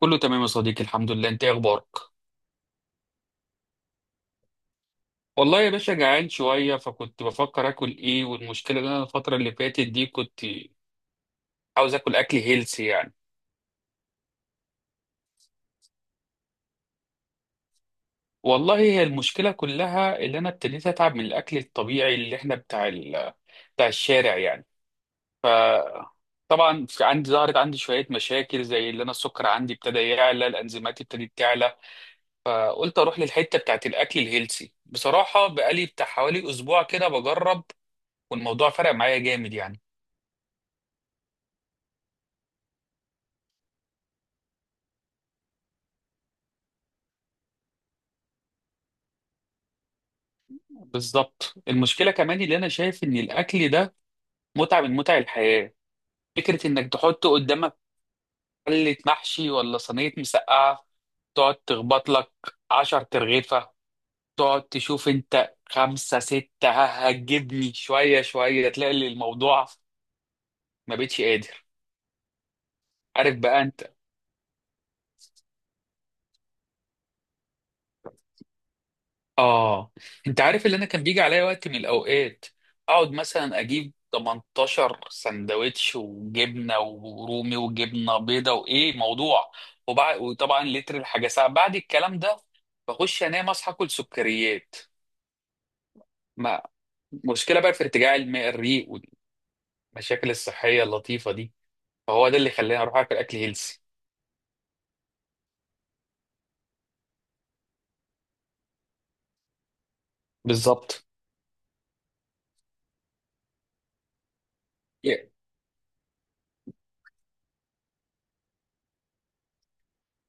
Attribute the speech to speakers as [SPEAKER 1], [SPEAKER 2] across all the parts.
[SPEAKER 1] كله تمام يا صديقي، الحمد لله. انت ايه اخبارك؟ والله يا باشا جعان شويه، فكنت بفكر اكل ايه. والمشكله ان انا الفتره اللي فاتت دي كنت عاوز اكل اكل هيلثي يعني. والله هي المشكله كلها اللي انا ابتديت اتعب من الاكل الطبيعي اللي احنا بتاع الشارع يعني. ف طبعا في عندي، ظهرت عندي شويه مشاكل، زي اللي انا السكر عندي ابتدى يعلى، الانزيمات ابتدت تعلى. فقلت اروح للحته بتاعت الاكل الهيلثي. بصراحه بقالي بتاع حوالي اسبوع كده بجرب، والموضوع فرق معايا جامد يعني. بالظبط. المشكله كمان اللي انا شايف ان الاكل ده متعه من متع الحياه. فكره انك تحط قدامك حله محشي ولا صينيه مسقعه، تقعد تخبط لك 10 ترغيفه، تقعد تشوف انت 5 6، ها هتجيبني شويه شويه تلاقي الموضوع ما بقتش قادر. عارف بقى انت. اه. انت عارف اللي انا كان بيجي عليا وقت من الاوقات، اقعد مثلا اجيب 18 سندوتش وجبنه ورومي وجبنه بيضه وايه موضوع، وطبعا لتر الحاجه ساعه بعد الكلام ده، بخش انام، اصحى اكل سكريات. ما مشكله بقى في ارتجاع الريق والمشاكل الصحيه اللطيفه دي. فهو ده اللي خلاني اروح اكل اكل هيلسي. بالظبط. Yeah.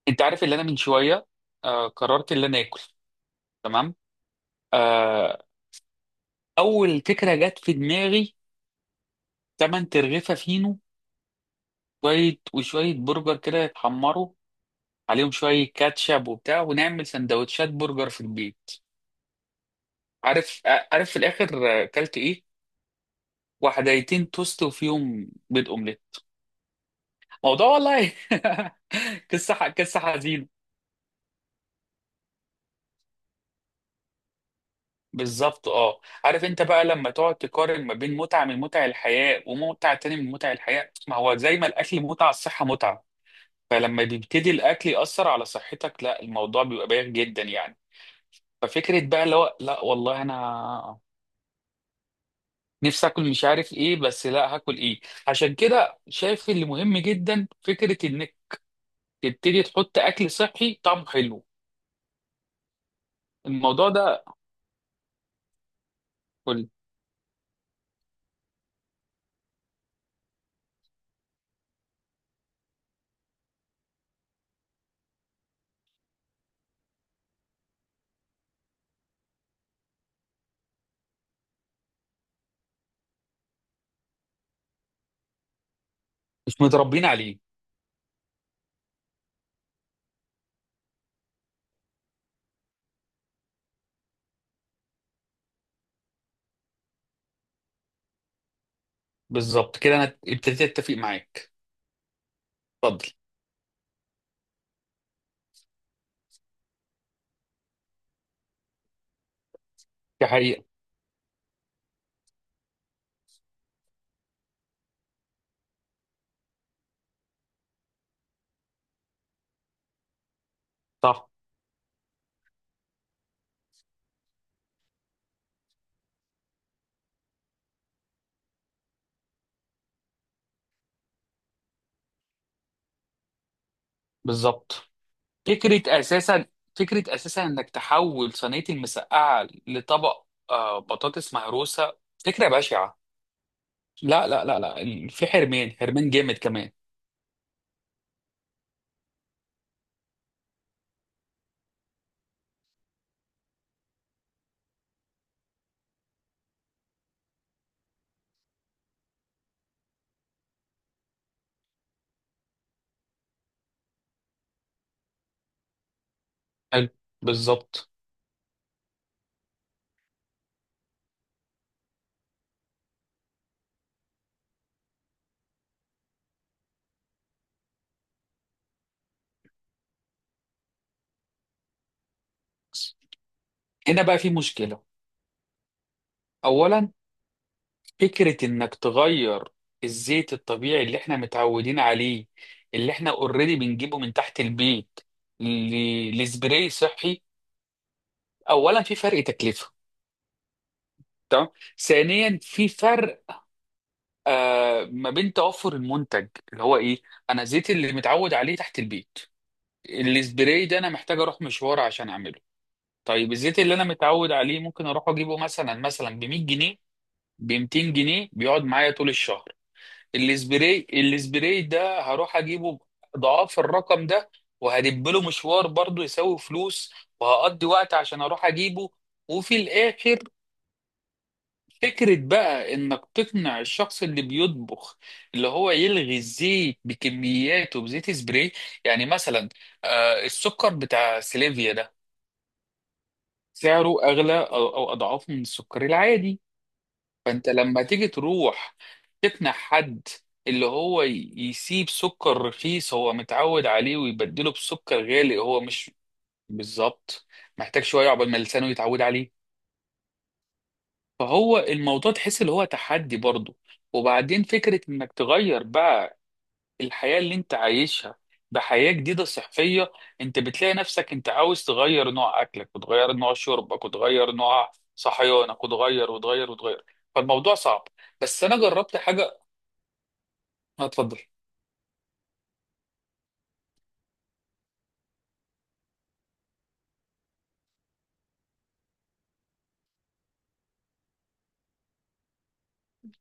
[SPEAKER 1] انت عارف اللي انا من شويه قررت اللي انا اكل. تمام. آه، اول فكره جت في دماغي 8 ترغيفه فينو، شويه وشويه برجر كده يتحمروا، عليهم شويه كاتشب وبتاع، ونعمل سندوتشات برجر في البيت. عارف في الاخر اكلت ايه. وحدايتين توست وفيهم بيض اومليت موضوع، والله. قصه حزينه. بالظبط. اه. عارف انت بقى لما تقعد تقارن ما بين متعه من متع الحياه ومتعه تاني من متع الحياه. ما هو زي ما الاكل متعه، الصحه متعه. فلما بيبتدي الاكل ياثر على صحتك، لا، الموضوع بيبقى بايخ جدا يعني. ففكره بقى اللي هو لا والله انا نفسي اكل مش عارف ايه، بس لا، هاكل ايه. عشان كده شايف اللي مهم جدا فكره انك تبتدي تحط اكل صحي طعمه حلو. الموضوع ده كل مش متربيين عليه. بالظبط كده، انا ابتديت اتفق معاك. اتفضل. دي حقيقه. صح. بالظبط. فكرة أساسا فكرة أساسا إنك تحول صينية المسقعة لطبق بطاطس مهروسة. فكرة بشعة. لا، لا، لا، لا، في حرمان، حرمان جامد كمان. حلو. بالظبط. هنا بقى في مشكلة. أولا، فكرة إنك تغير الزيت الطبيعي اللي إحنا متعودين عليه، اللي إحنا أوريدي بنجيبه من تحت البيت لسبراي صحي. أولا، في فرق تكلفة. تمام. ثانيا، في فرق ما بين توفر المنتج اللي هو ايه. انا زيت اللي متعود عليه تحت البيت. السبراي ده انا محتاج اروح مشوار عشان اعمله. طيب الزيت اللي انا متعود عليه ممكن اروح اجيبه مثلا ب 100 جنيه، ب 200 جنيه بيقعد معايا طول الشهر. السبراي ده هروح اجيبه ضعاف الرقم ده، وهدب له مشوار برضه يساوي فلوس، وهقضي وقت عشان اروح اجيبه. وفي الاخر فكرة بقى إنك تقنع الشخص اللي بيطبخ اللي هو يلغي الزيت بكمياته بزيت سبراي. يعني مثلا السكر بتاع سليفيا ده، سعره أغلى أو أضعاف من السكر العادي. فأنت لما تيجي تروح تقنع حد اللي هو يسيب سكر رخيص هو متعود عليه ويبدله بسكر غالي هو مش. بالظبط. محتاج شوية عقبال ما لسانه يتعود عليه. فهو الموضوع تحس اللي هو تحدي برضه. وبعدين فكرة انك تغير بقى الحياة اللي انت عايشها بحياة جديدة صحية. انت بتلاقي نفسك انت عاوز تغير نوع اكلك وتغير نوع شربك وتغير نوع صحيانك وتغير وتغير وتغير. فالموضوع صعب. بس انا جربت حاجة. اتفضل.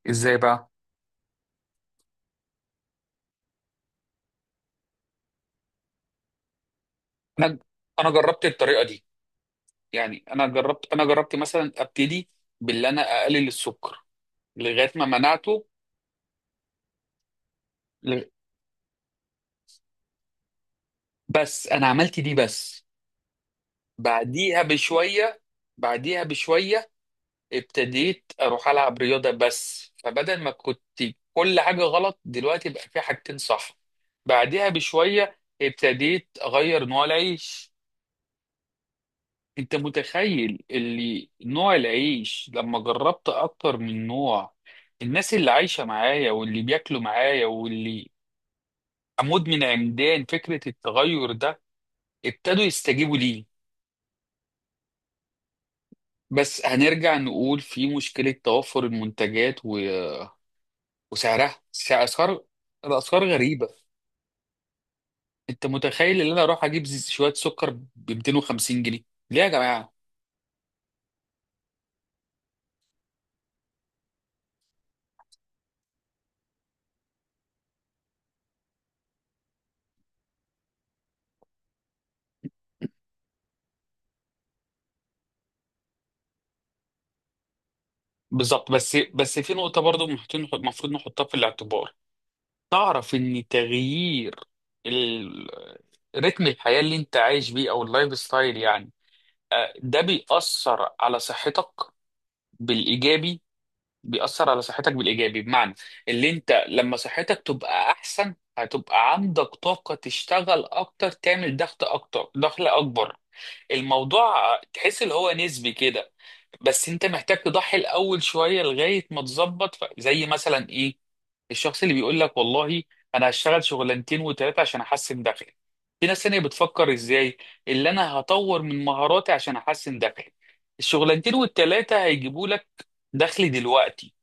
[SPEAKER 1] ازاي بقى؟ انا انا جربت الطريقة دي. يعني انا جربت مثلا ابتدي باللي انا اقلل السكر لغاية ما منعته. لغ- بس انا عملت دي بس. بعديها بشوية بعديها بشوية ابتديت أروح ألعب رياضة، بس فبدل ما كنت كل حاجة غلط، دلوقتي بقى في حاجتين صح. بعديها بشوية ابتديت أغير نوع العيش. أنت متخيل اللي نوع العيش لما جربت أكتر من نوع، الناس اللي عايشة معايا واللي بياكلوا معايا واللي أموت من عمدان فكرة التغير ده، ابتدوا يستجيبوا ليه. بس هنرجع نقول في مشكلة توفر المنتجات وسعرها، أسعار. الأسعار غريبة. أنت متخيل إن أنا أروح أجيب شوية سكر ب 250 جنيه؟ ليه يا جماعة؟ بالظبط. بس في نقطة برضو المفروض نحطها في الاعتبار. تعرف إن تغيير ال... رتم الحياة اللي أنت عايش بيه، أو اللايف ستايل يعني، ده بيأثر على صحتك بالإيجابي. بيأثر على صحتك بالإيجابي، بمعنى اللي انت لما صحتك تبقى أحسن، هتبقى عندك طاقة تشتغل أكتر، تعمل ضغط أكتر، دخل أكبر. الموضوع تحس اللي هو نسبي كده. بس انت محتاج تضحي الأول شوية لغاية ما تظبط، زي مثلا إيه، الشخص اللي بيقول لك والله أنا هشتغل شغلانتين وتلاتة عشان أحسن دخلي. في ناس تانية بتفكر إزاي اللي أنا هطور من مهاراتي عشان أحسن دخلي. الشغلانتين والتلاتة هيجيبوا لك دخل دلوقتي،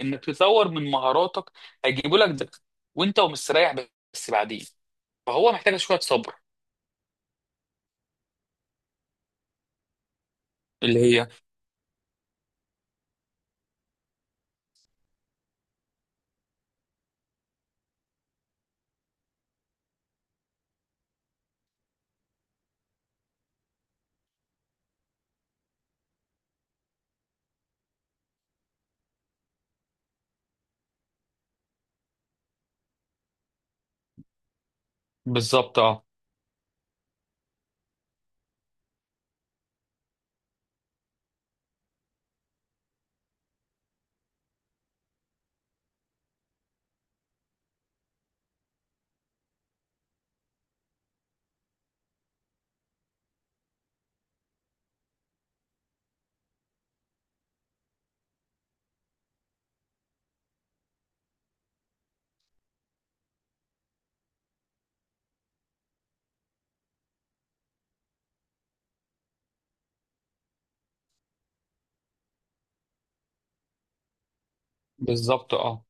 [SPEAKER 1] انك تطور من مهاراتك هيجيبوا لك دخل وانت ومستريح، بس بعدين. فهو محتاج شويه صبر. اللي هي. بالظبط اه بالظبط اه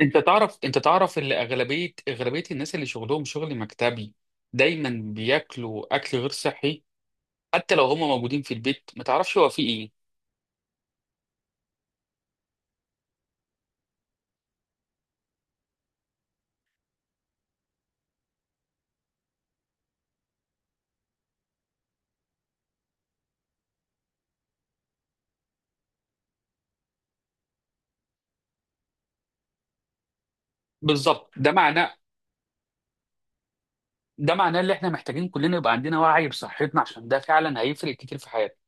[SPEAKER 1] انت تعرف ان اغلبيه الناس اللي شغلهم شغل مكتبي دايما بياكلوا اكل غير صحي، حتى لو هم موجودين في البيت ما تعرفش هو فيه ايه. بالظبط. ده معناه ان احنا محتاجين كلنا يبقى عندنا وعي بصحتنا، عشان ده فعلا هيفرق كتير في حياتنا.